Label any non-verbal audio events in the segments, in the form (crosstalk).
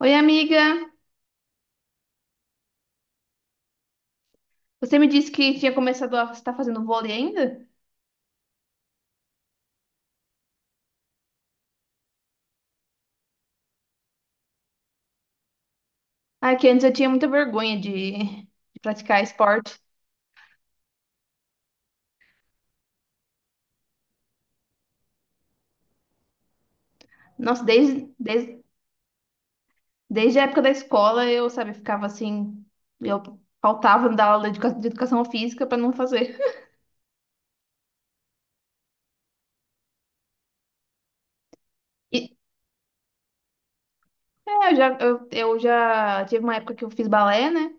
Oi, amiga. Você me disse que tinha começado a estar fazendo vôlei ainda? Ah, que antes eu tinha muita vergonha de praticar esporte. Nossa, desde a época da escola eu, sabe, ficava assim, eu faltava da aula de educação física para não fazer. (laughs) E eu já tive uma época que eu fiz balé, né?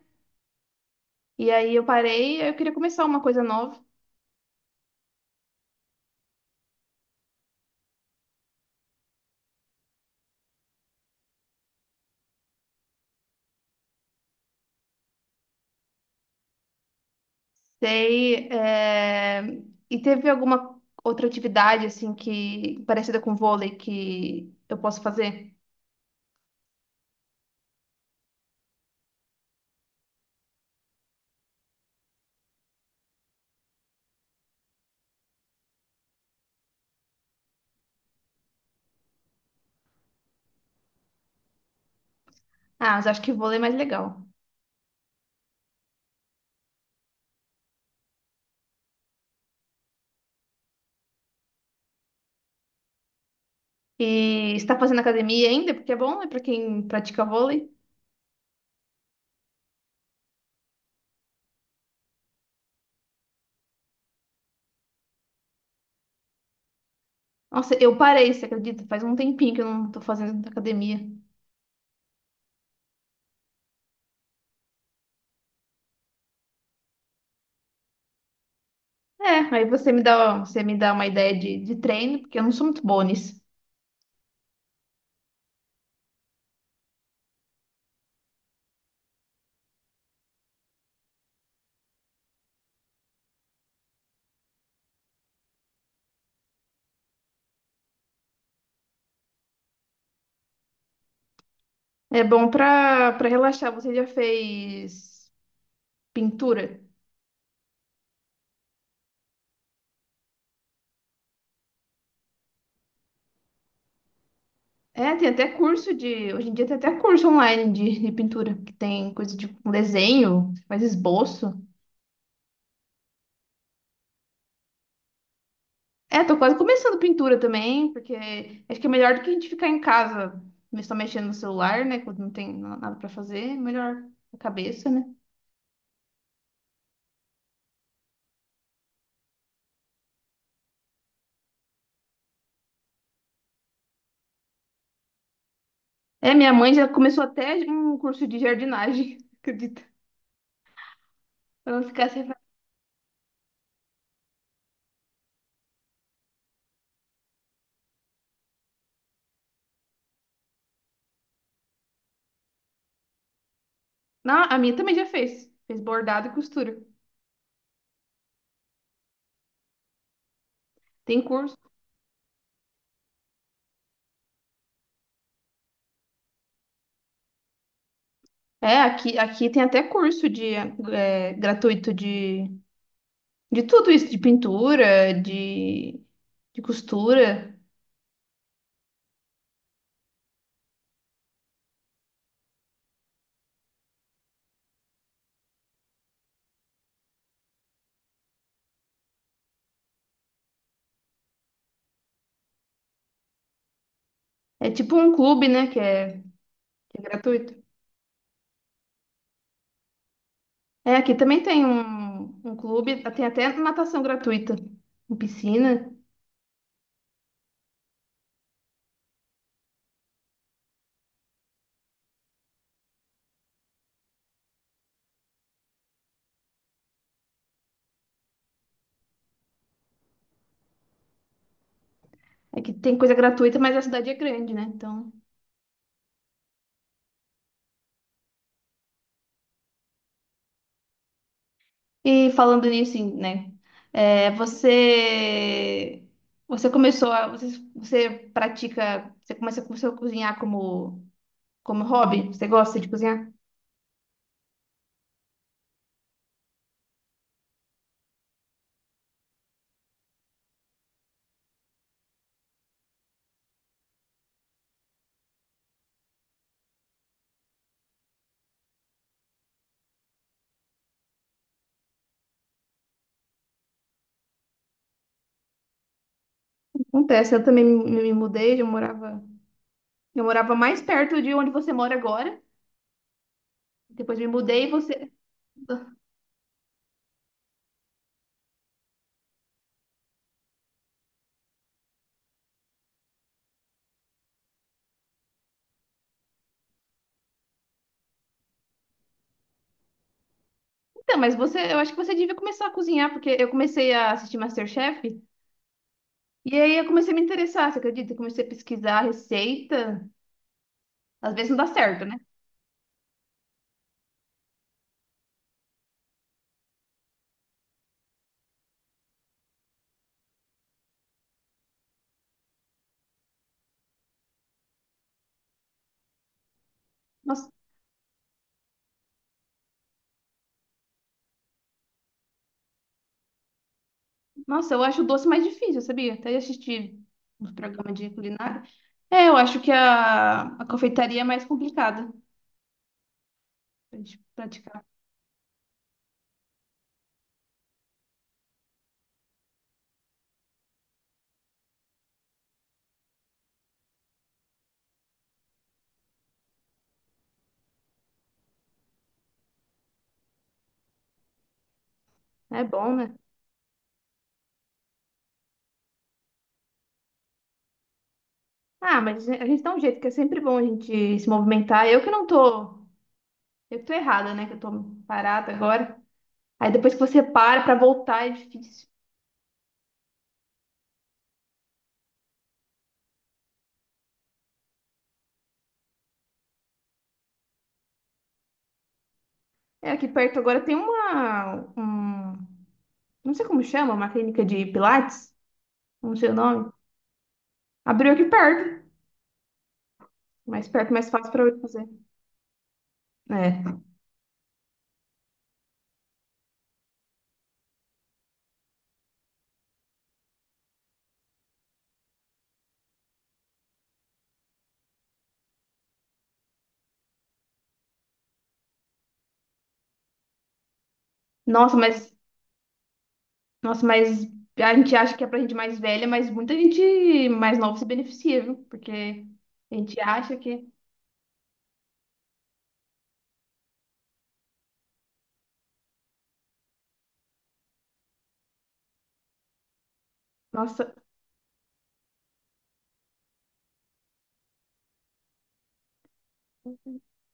E aí eu parei, eu queria começar uma coisa nova. Sei. E teve alguma outra atividade assim que parecida com vôlei que eu posso fazer? Ah, mas acho que vôlei é mais legal. E está fazendo academia ainda? Porque é bom, né, para quem pratica vôlei. Nossa, eu parei, você acredita? Faz um tempinho que eu não tô fazendo academia. É, aí você me dá uma ideia de treino, porque eu não sou muito boa nisso. É bom para para relaxar. Você já fez pintura? É, tem até curso de. Hoje em dia tem até curso online de pintura, que tem coisa de um desenho, você faz esboço. É, tô quase começando pintura também, porque acho que é melhor do que a gente ficar em casa, mas só mexendo no celular, né? Quando não tem nada pra fazer, é melhor a cabeça, né? É, minha mãe já começou até um curso de jardinagem, (laughs) acredita? Pra não ficar sem. Não, a minha também já fez. Fez bordado e costura. Tem curso. É, aqui tem até curso de gratuito de tudo isso, de pintura, de costura. É tipo um clube, né? Que é gratuito. É, aqui também tem um, um clube, tem até natação gratuita, em piscina. Aqui tem coisa gratuita, mas a cidade é grande, né? Então. E falando nisso, né? é, você. Você começou a. Você, você pratica. Você começa, começou a cozinhar como, como hobby? Você gosta de cozinhar? Acontece, eu também me mudei, eu morava mais perto de onde você mora agora. Depois me mudei e você. Então, mas você, eu acho que você devia começar a cozinhar, porque eu comecei a assistir MasterChef e aí eu comecei a me interessar, você acredita? Eu comecei a pesquisar a receita. Às vezes não dá certo, né? Nossa, nossa, eu acho o doce mais difícil, sabia? Até assistir uns programas de culinária. É, eu acho que a confeitaria é mais complicada pra gente praticar. É bom, né? Ah, mas a gente dá um jeito, que é sempre bom a gente se movimentar. Eu que não tô. Eu que tô errada, né? Que eu tô parada agora. Aí depois que você para pra voltar é difícil. É, aqui perto agora tem uma, um, não sei como chama, uma clínica de Pilates, não sei o nome. Abriu aqui perto, mais fácil pra eu fazer. É. Nossa, mas, nossa, mas a gente acha que é pra gente mais velha, mas muita gente mais nova se beneficia, viu? Porque a gente acha que, nossa,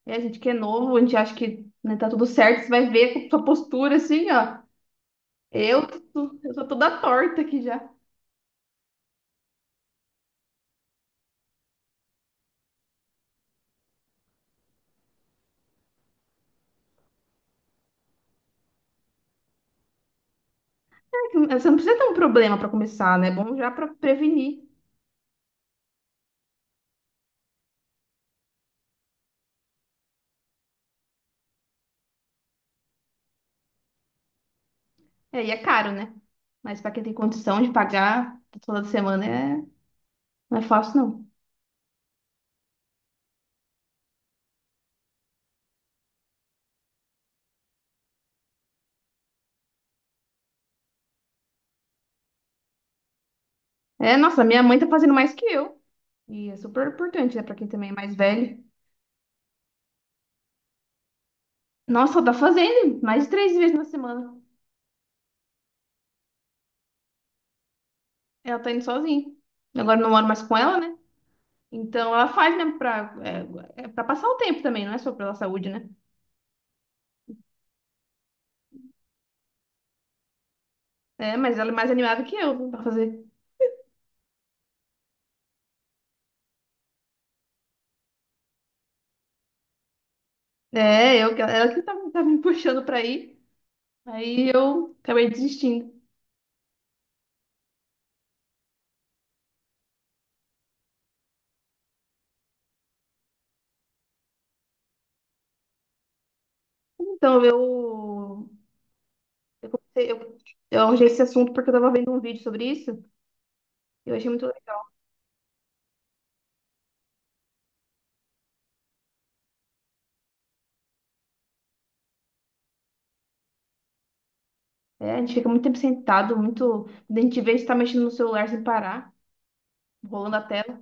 é, a gente que é novo, a gente acha que né, tá tudo certo, você vai ver com sua postura assim, ó. Eu tô toda torta aqui já. É, você não precisa ter um problema para começar, né? É bom já para prevenir. É, e é caro, né? Mas para quem tem condição de pagar toda semana é... não é fácil, não. É, nossa, minha mãe tá fazendo mais que eu. E é super importante, né? Para quem também é mais velho. Nossa, ela tá fazendo mais de 3 vezes na semana. Ela tá indo sozinha. Agora eu não moro mais com ela, né? Então ela faz mesmo pra, é, é pra passar o tempo também, não é só pela saúde, né? É, mas ela é mais animada que eu pra fazer. É, eu, ela que tá, tá me puxando pra ir. Aí eu acabei desistindo. Então, eu comecei, eu, eu arranjei esse assunto porque eu tava vendo um vídeo sobre isso. Eu achei muito. É, a gente fica muito tempo sentado, muito. A gente vê, a gente tá mexendo no celular sem parar, rolando a tela.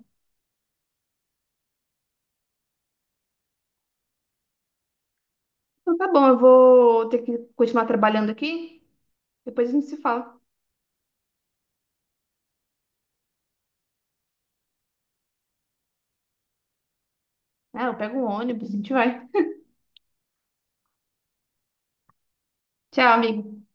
Então tá bom, eu vou ter que continuar trabalhando aqui. Depois a gente se fala. Ah, eu pego um ônibus, a gente vai. Tchau, amigo.